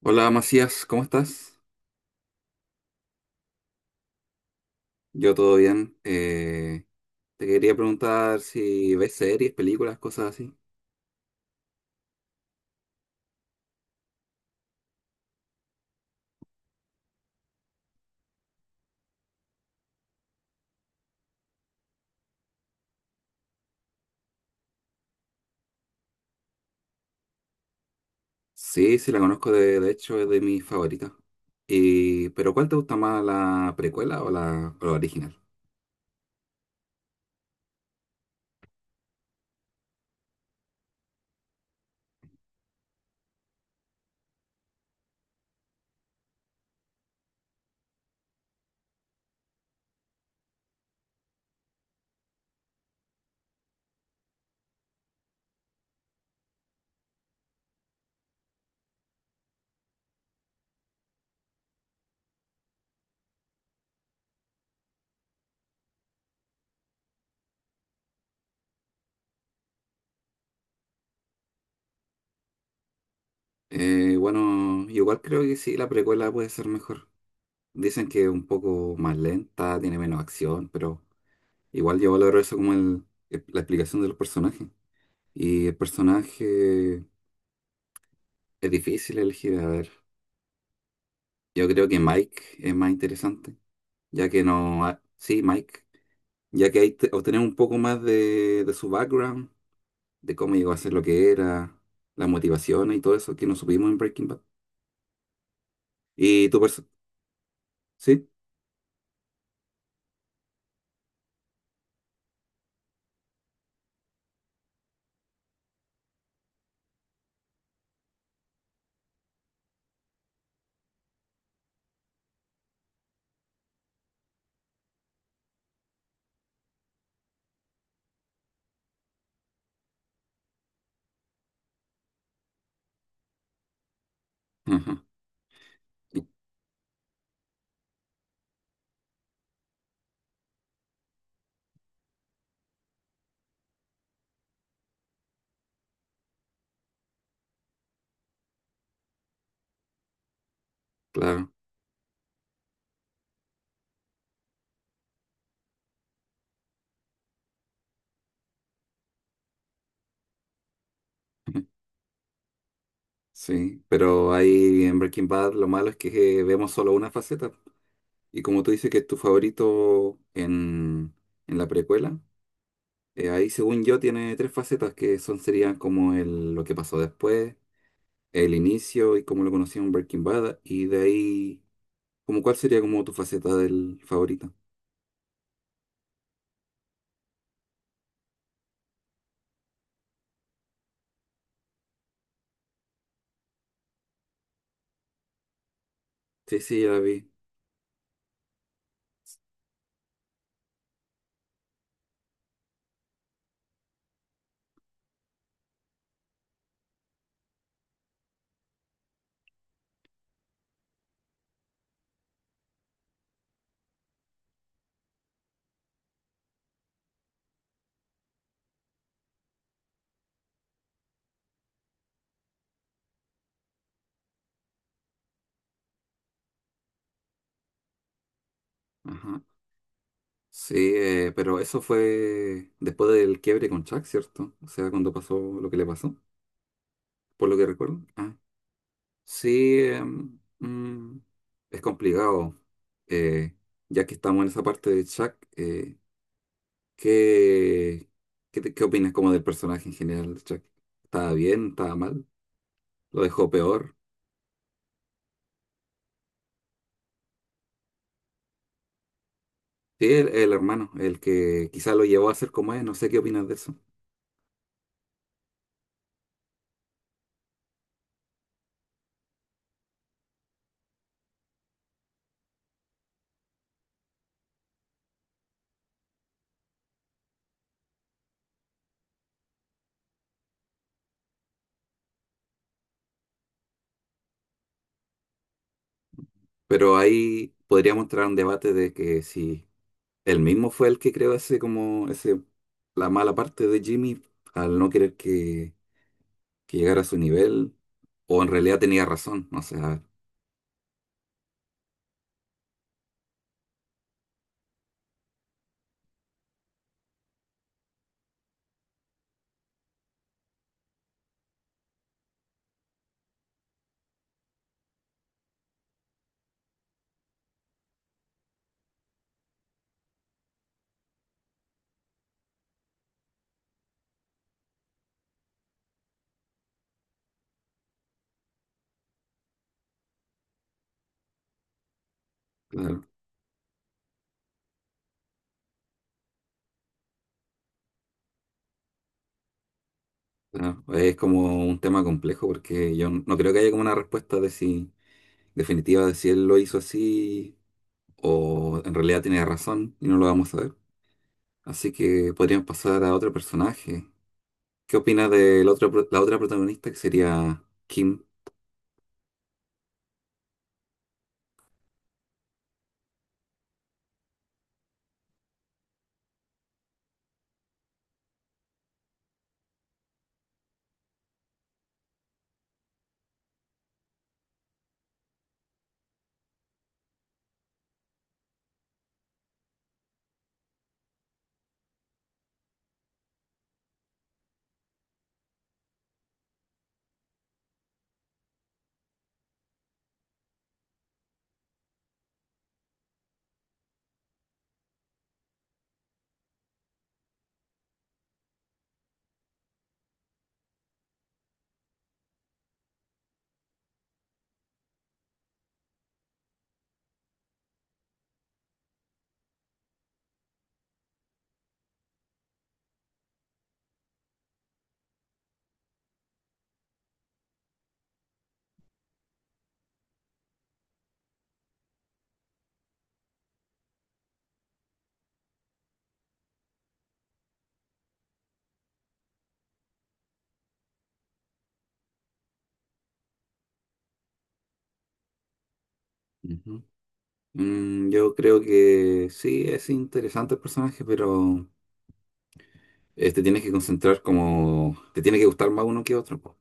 Hola Macías, ¿cómo estás? Yo todo bien. Te quería preguntar si ves series, películas, cosas así. Sí, sí, la conozco, de hecho es de mis favoritas. Y, pero ¿cuál te gusta más, la precuela o la original? Bueno, igual creo que sí, la precuela puede ser mejor. Dicen que es un poco más lenta, tiene menos acción, pero igual yo valoro eso como la explicación de los personajes. Y el personaje es difícil elegir, a ver. Yo creo que Mike es más interesante, ya que no... ha- sí, Mike, ya que ahí obtenemos un poco más de su background, de cómo llegó a ser lo que era, las motivaciones y todo eso que nos supimos en Breaking Bad. Y tu persona... Sí, ajá, y- claro. Sí, pero ahí en Breaking Bad lo malo es que vemos solo una faceta. Y como tú dices que es tu favorito en la precuela, ahí según yo tiene tres facetas que son serían como el, lo que pasó después, el inicio y cómo lo conocía en Breaking Bad, y de ahí, como cuál sería como tu faceta del favorita. Sí, sí, ya la vi. Ajá. Sí, pero eso fue después del quiebre con Chuck, ¿cierto? O sea, cuando pasó lo que le pasó, por lo que recuerdo. Ah, sí, es complicado, eh, ya que estamos en esa parte de Chuck, ¿qué, qué opinas como del personaje en general de Chuck? ¿Estaba bien? ¿Estaba mal? ¿Lo dejó peor? Sí, el hermano, el que quizá lo llevó a ser como es, no sé qué opinas de eso. Pero ahí podríamos entrar a un debate de que si él mismo fue el que creó ese como ese la mala parte de Jimmy al no querer que llegara a su nivel, o en realidad tenía razón, no sé, a ver, claro, claro. Es como un tema complejo porque yo no creo que haya como una respuesta de si definitiva de si él lo hizo así o en realidad tenía razón y no lo vamos a ver. Así que podríamos pasar a otro personaje. ¿Qué opinas de la otra protagonista que sería Kim? Ujú. Mm, yo creo que sí, es interesante el personaje, pero te tienes que concentrar como... Te tiene que gustar más uno que otro. Po.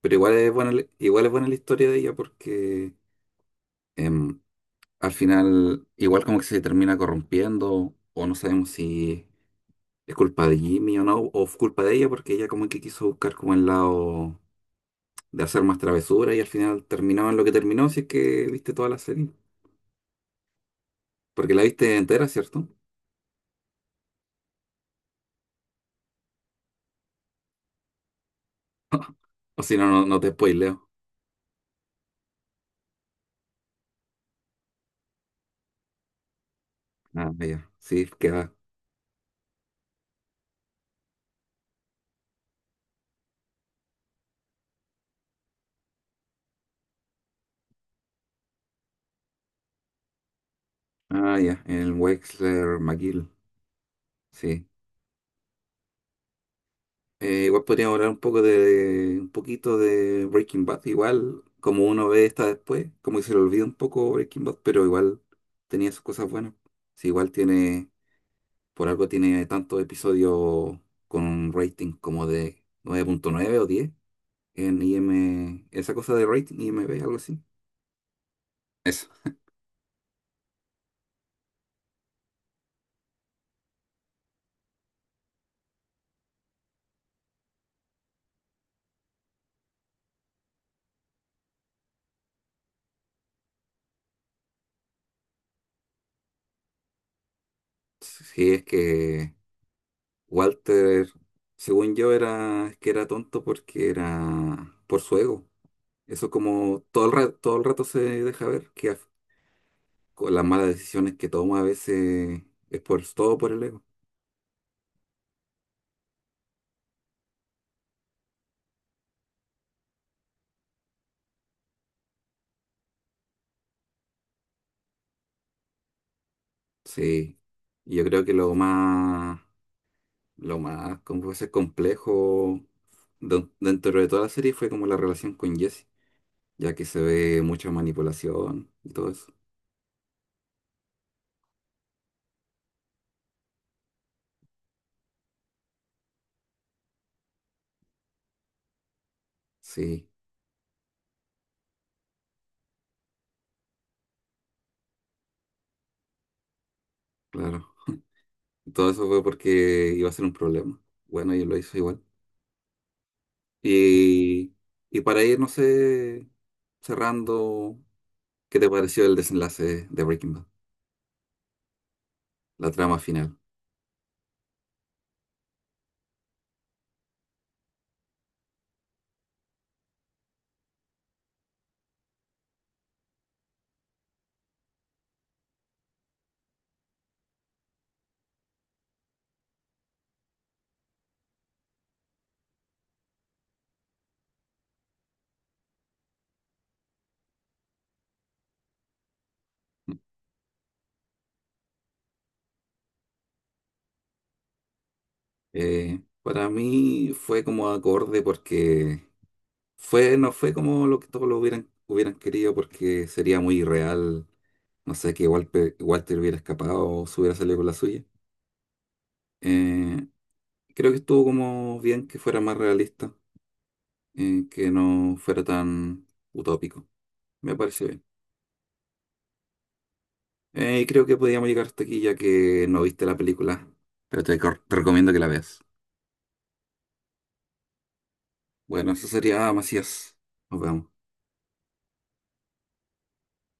Pero igual es buena, igual es buena la historia de ella porque em, al final igual como que se termina corrompiendo o no sabemos si es culpa de Jimmy o no, o es culpa de ella porque ella como que quiso buscar como el lado de hacer más travesura y al final terminó en lo que terminó, si es que viste toda la serie. Porque la viste entera, ¿cierto? O si no, no, no te spoileo. Ah, ya. Sí, queda. Ah, ya. El Wexler McGill. Sí. Igual podríamos hablar un poco de, un poquito de Breaking Bad. Igual, como uno ve esta después, como que se le olvida un poco Breaking Bad, pero igual tenía sus cosas buenas. Sí, igual tiene, por algo tiene tantos episodios con un rating como de nueve punto nueve o 10 en IM, esa cosa de rating, IMB, algo así. Eso. Sí, es que Walter, según yo, era que era tonto porque era por su ego. Eso como todo el rato se deja ver con las malas decisiones que toma a veces es por todo por el ego. Sí. Y yo creo que lo más como puede ser complejo dentro de toda la serie fue como la relación con Jesse, ya que se ve mucha manipulación y todo eso. Sí, claro. Todo eso fue porque iba a ser un problema. Bueno, y lo hizo igual. Y, y para ir, no sé, cerrando, ¿qué te pareció el desenlace de Breaking Bad? La trama final. Para mí fue como acorde porque fue, no fue como lo que todos lo hubieran, hubieran querido porque sería muy irreal, no sé, que Walter, Walter hubiera escapado o se hubiera salido con la suya. Eh, Creo que estuvo como bien que fuera más realista, que no fuera tan utópico. Me pareció bien. Creo que podíamos llegar hasta aquí ya que no viste la película, pero te recomiendo que la veas. Bueno, eso sería, Macías. Nos vemos.